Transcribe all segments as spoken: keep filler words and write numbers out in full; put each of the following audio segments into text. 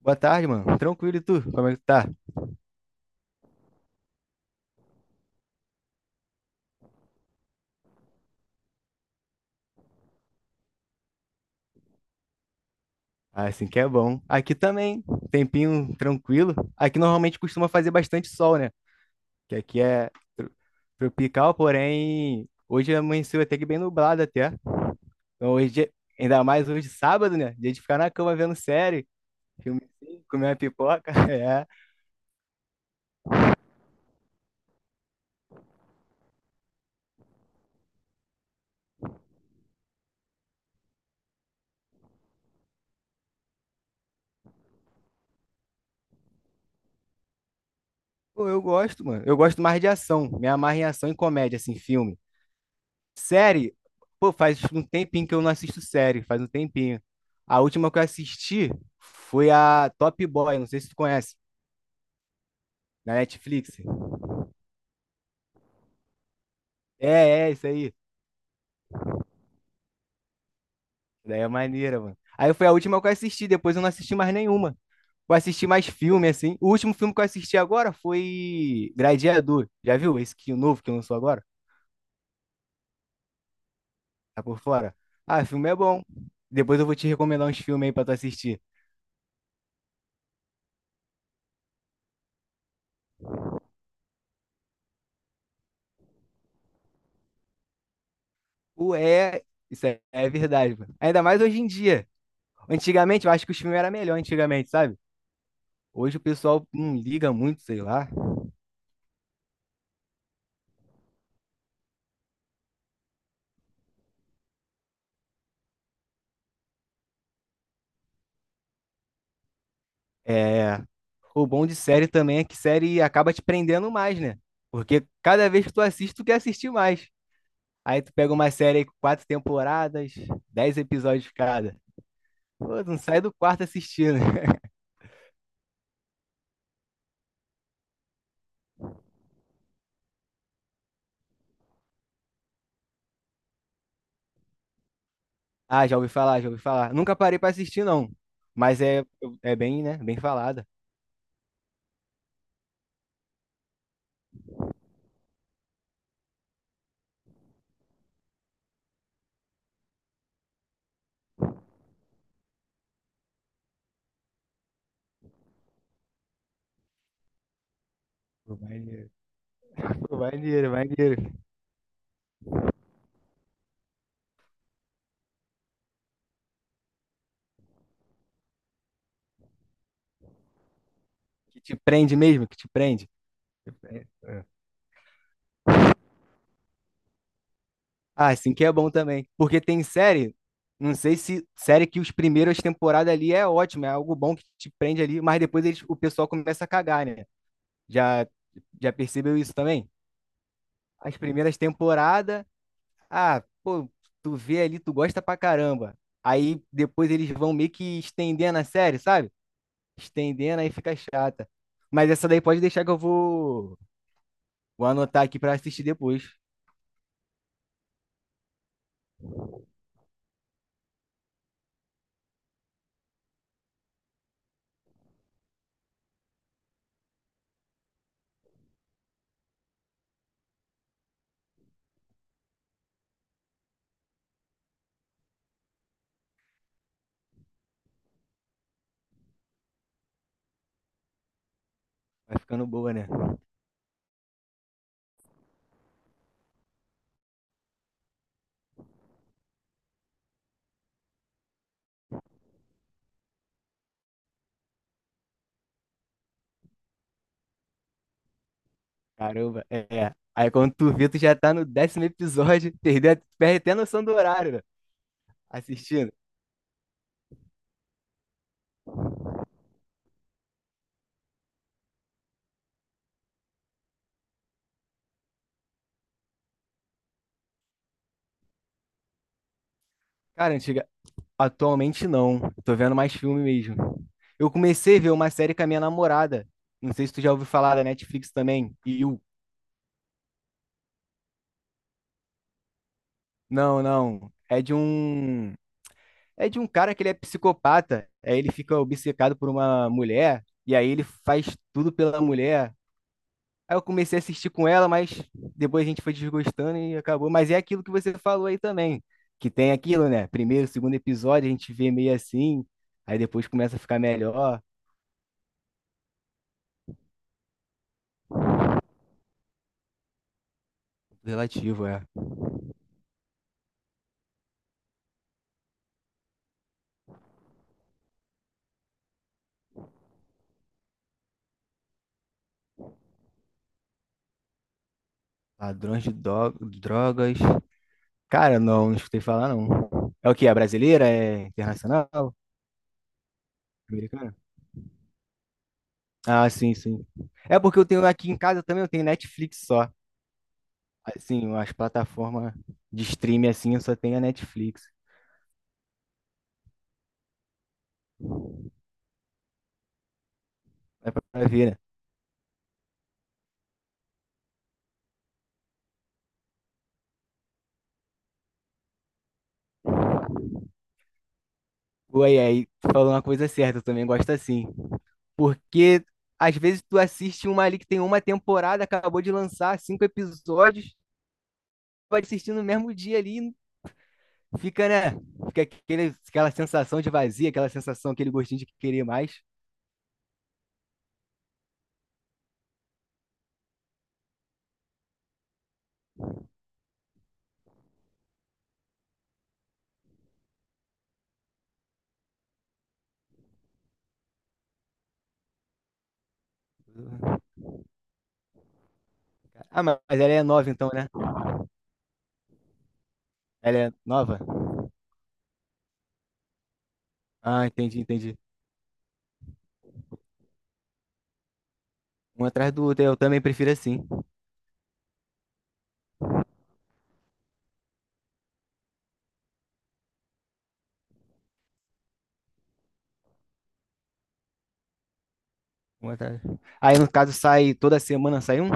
Boa tarde, mano. Tranquilo e tu? Como é que tu tá? Ah, assim que é bom. Aqui também, tempinho tranquilo. Aqui normalmente costuma fazer bastante sol, né? Que aqui é tro- tropical, porém hoje amanheceu até que bem nublado até. Então hoje, é- ainda mais hoje sábado, né? Dia de ficar na cama vendo série, filme, assim, comer uma pipoca. É. Pô, eu gosto, mano. Eu gosto mais de ação. Me amarro em ação e comédia, assim, filme. Série? Pô, faz um tempinho que eu não assisto série, faz um tempinho. A última que eu assisti foi a Top Boy, não sei se tu conhece, na Netflix. É, é, isso aí. Daí é maneira, mano. Aí foi a última que eu assisti, depois eu não assisti mais nenhuma. Eu assisti mais filme, assim. O último filme que eu assisti agora foi Gladiador. Já viu esse que o novo que lançou agora? Tá por fora? Ah, o filme é bom. Depois eu vou te recomendar uns filmes aí pra tu assistir. Ué, isso é, é verdade, mano. Ainda mais hoje em dia. Antigamente, eu acho que os filmes eram melhor antigamente, sabe? Hoje o pessoal não liga muito, sei lá. É... O bom de série também é que série acaba te prendendo mais, né? Porque cada vez que tu assiste, tu quer assistir mais. Aí tu pega uma série aí com quatro temporadas, dez episódios cada. Pô, tu não sai do quarto assistindo. Ah, já ouvi falar, já ouvi falar. Nunca parei pra assistir, não. Mas é, é bem, né? Bem falada. Pô, maneiro. Pô, maneiro, maneiro. Que te prende mesmo, que te prende. É. Ah, assim que é bom também. Porque tem série, não sei se série que os primeiras temporadas ali é ótima, é algo bom que te prende ali, mas depois eles- o pessoal começa a cagar, né? Já, já percebeu isso também? As primeiras temporadas, ah, pô, tu vê ali, tu gosta pra caramba. Aí depois eles vão meio que estendendo a série, sabe? Estendendo, aí fica chata. Mas essa daí pode deixar que eu vou, vou anotar aqui pra assistir depois. Vai ficando boa, né? Caramba, é. Aí quando tu vê, tu já tá no décimo episódio, perde, perde até a noção do horário, né? Assistindo. Cara, antiga, atualmente não. Eu tô vendo mais filme mesmo. Eu comecei a ver uma série com a minha namorada. Não sei se tu já ouviu falar da Netflix também. You. Não, não. É de um. É de um cara que ele é psicopata. Aí ele fica obcecado por uma mulher. E aí ele faz tudo pela mulher. Aí eu comecei a assistir com ela, mas depois a gente foi desgostando e acabou. Mas é aquilo que você falou aí também, que tem aquilo, né? Primeiro, segundo episódio, a gente vê meio assim, aí depois começa a ficar melhor. Relativo, é. Ladrões de do- drogas. Cara, não, não escutei falar, não. É o que? É brasileira? É internacional? Americana? Ah, sim, sim. É porque eu tenho aqui em casa também, eu tenho Netflix só. Assim, as plataformas de streaming assim, eu só tenho a Netflix. É pra ver, né? Ué, aí, tu falou uma coisa certa, eu também gosto assim. Porque às vezes tu assiste uma ali que tem uma temporada, acabou de lançar cinco episódios, vai assistir no mesmo dia ali, fica, né? Fica aquele, aquela sensação de vazio aquela sensação, aquele gostinho de querer mais. Ah, mas ela é nova então, né? Ela é nova? Ah, entendi, entendi. Um atrás do outro, eu também prefiro assim. Um atrás. Aí no caso sai toda semana sai um,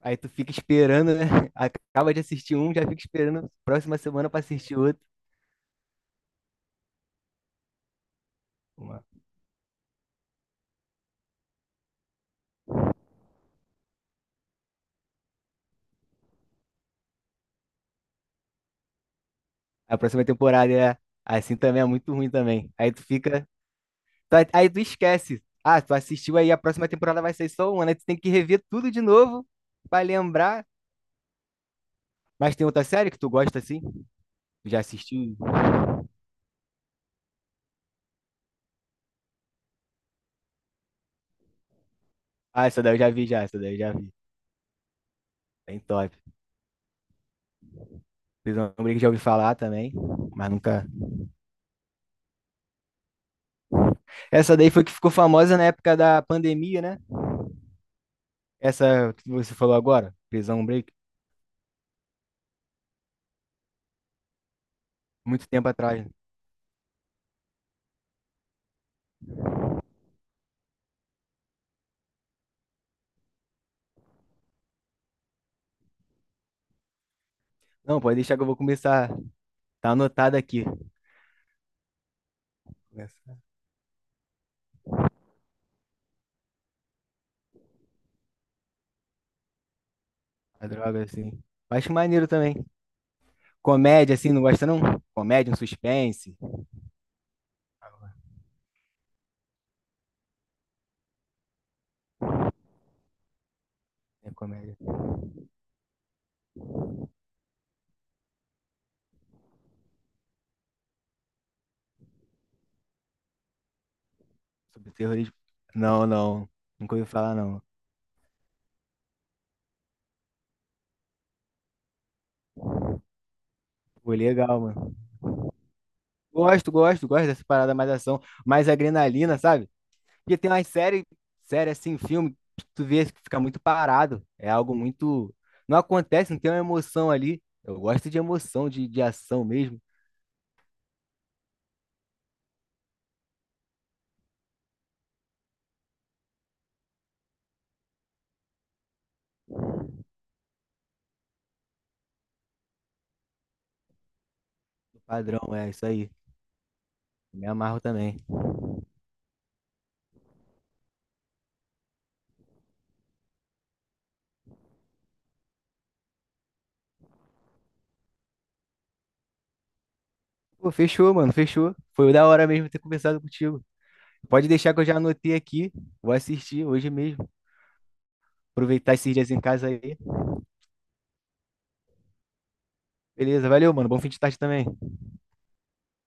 aí tu fica esperando, né? Acaba de assistir um, já fica esperando a próxima semana pra assistir outro. Uma- A próxima temporada é assim também, é muito ruim também. Aí tu fica. tu- Aí tu esquece. Ah, tu assistiu aí, a próxima temporada vai ser só uma, né? Tu tem que rever tudo de novo pra lembrar. Mas tem outra série que tu gosta assim? Tu já assistiu? Ah, essa daí eu já vi, já. Essa daí eu já vi. Bem top. Prisão Break já ouvi falar também, mas nunca. Essa daí foi que ficou famosa na época da pandemia, né? Essa que você falou agora, Prisão Break, muito tempo atrás. Não, pode deixar que eu vou começar. Tá anotado aqui. A droga, assim. Acho maneiro também. Comédia, assim, não gosta não? Comédia, um suspense. É comédia. Sobre terrorismo. Não, não. Nunca ouvi falar, não. Pô, legal, mano. Gosto, gosto, gosto dessa parada mais ação, mais adrenalina, sabe? Porque tem umas séries, série assim, filme, que tu vê que fica muito parado. É algo muito. Não acontece, não tem uma emoção ali. Eu gosto de emoção, de, de ação mesmo. Padrão, é isso aí. Me amarro também. Pô, fechou, mano, fechou. Foi da hora mesmo ter conversado contigo. Pode deixar que eu já anotei aqui. Vou assistir hoje mesmo. Aproveitar esses dias em casa aí. Beleza, valeu, mano. Bom fim de tarde também.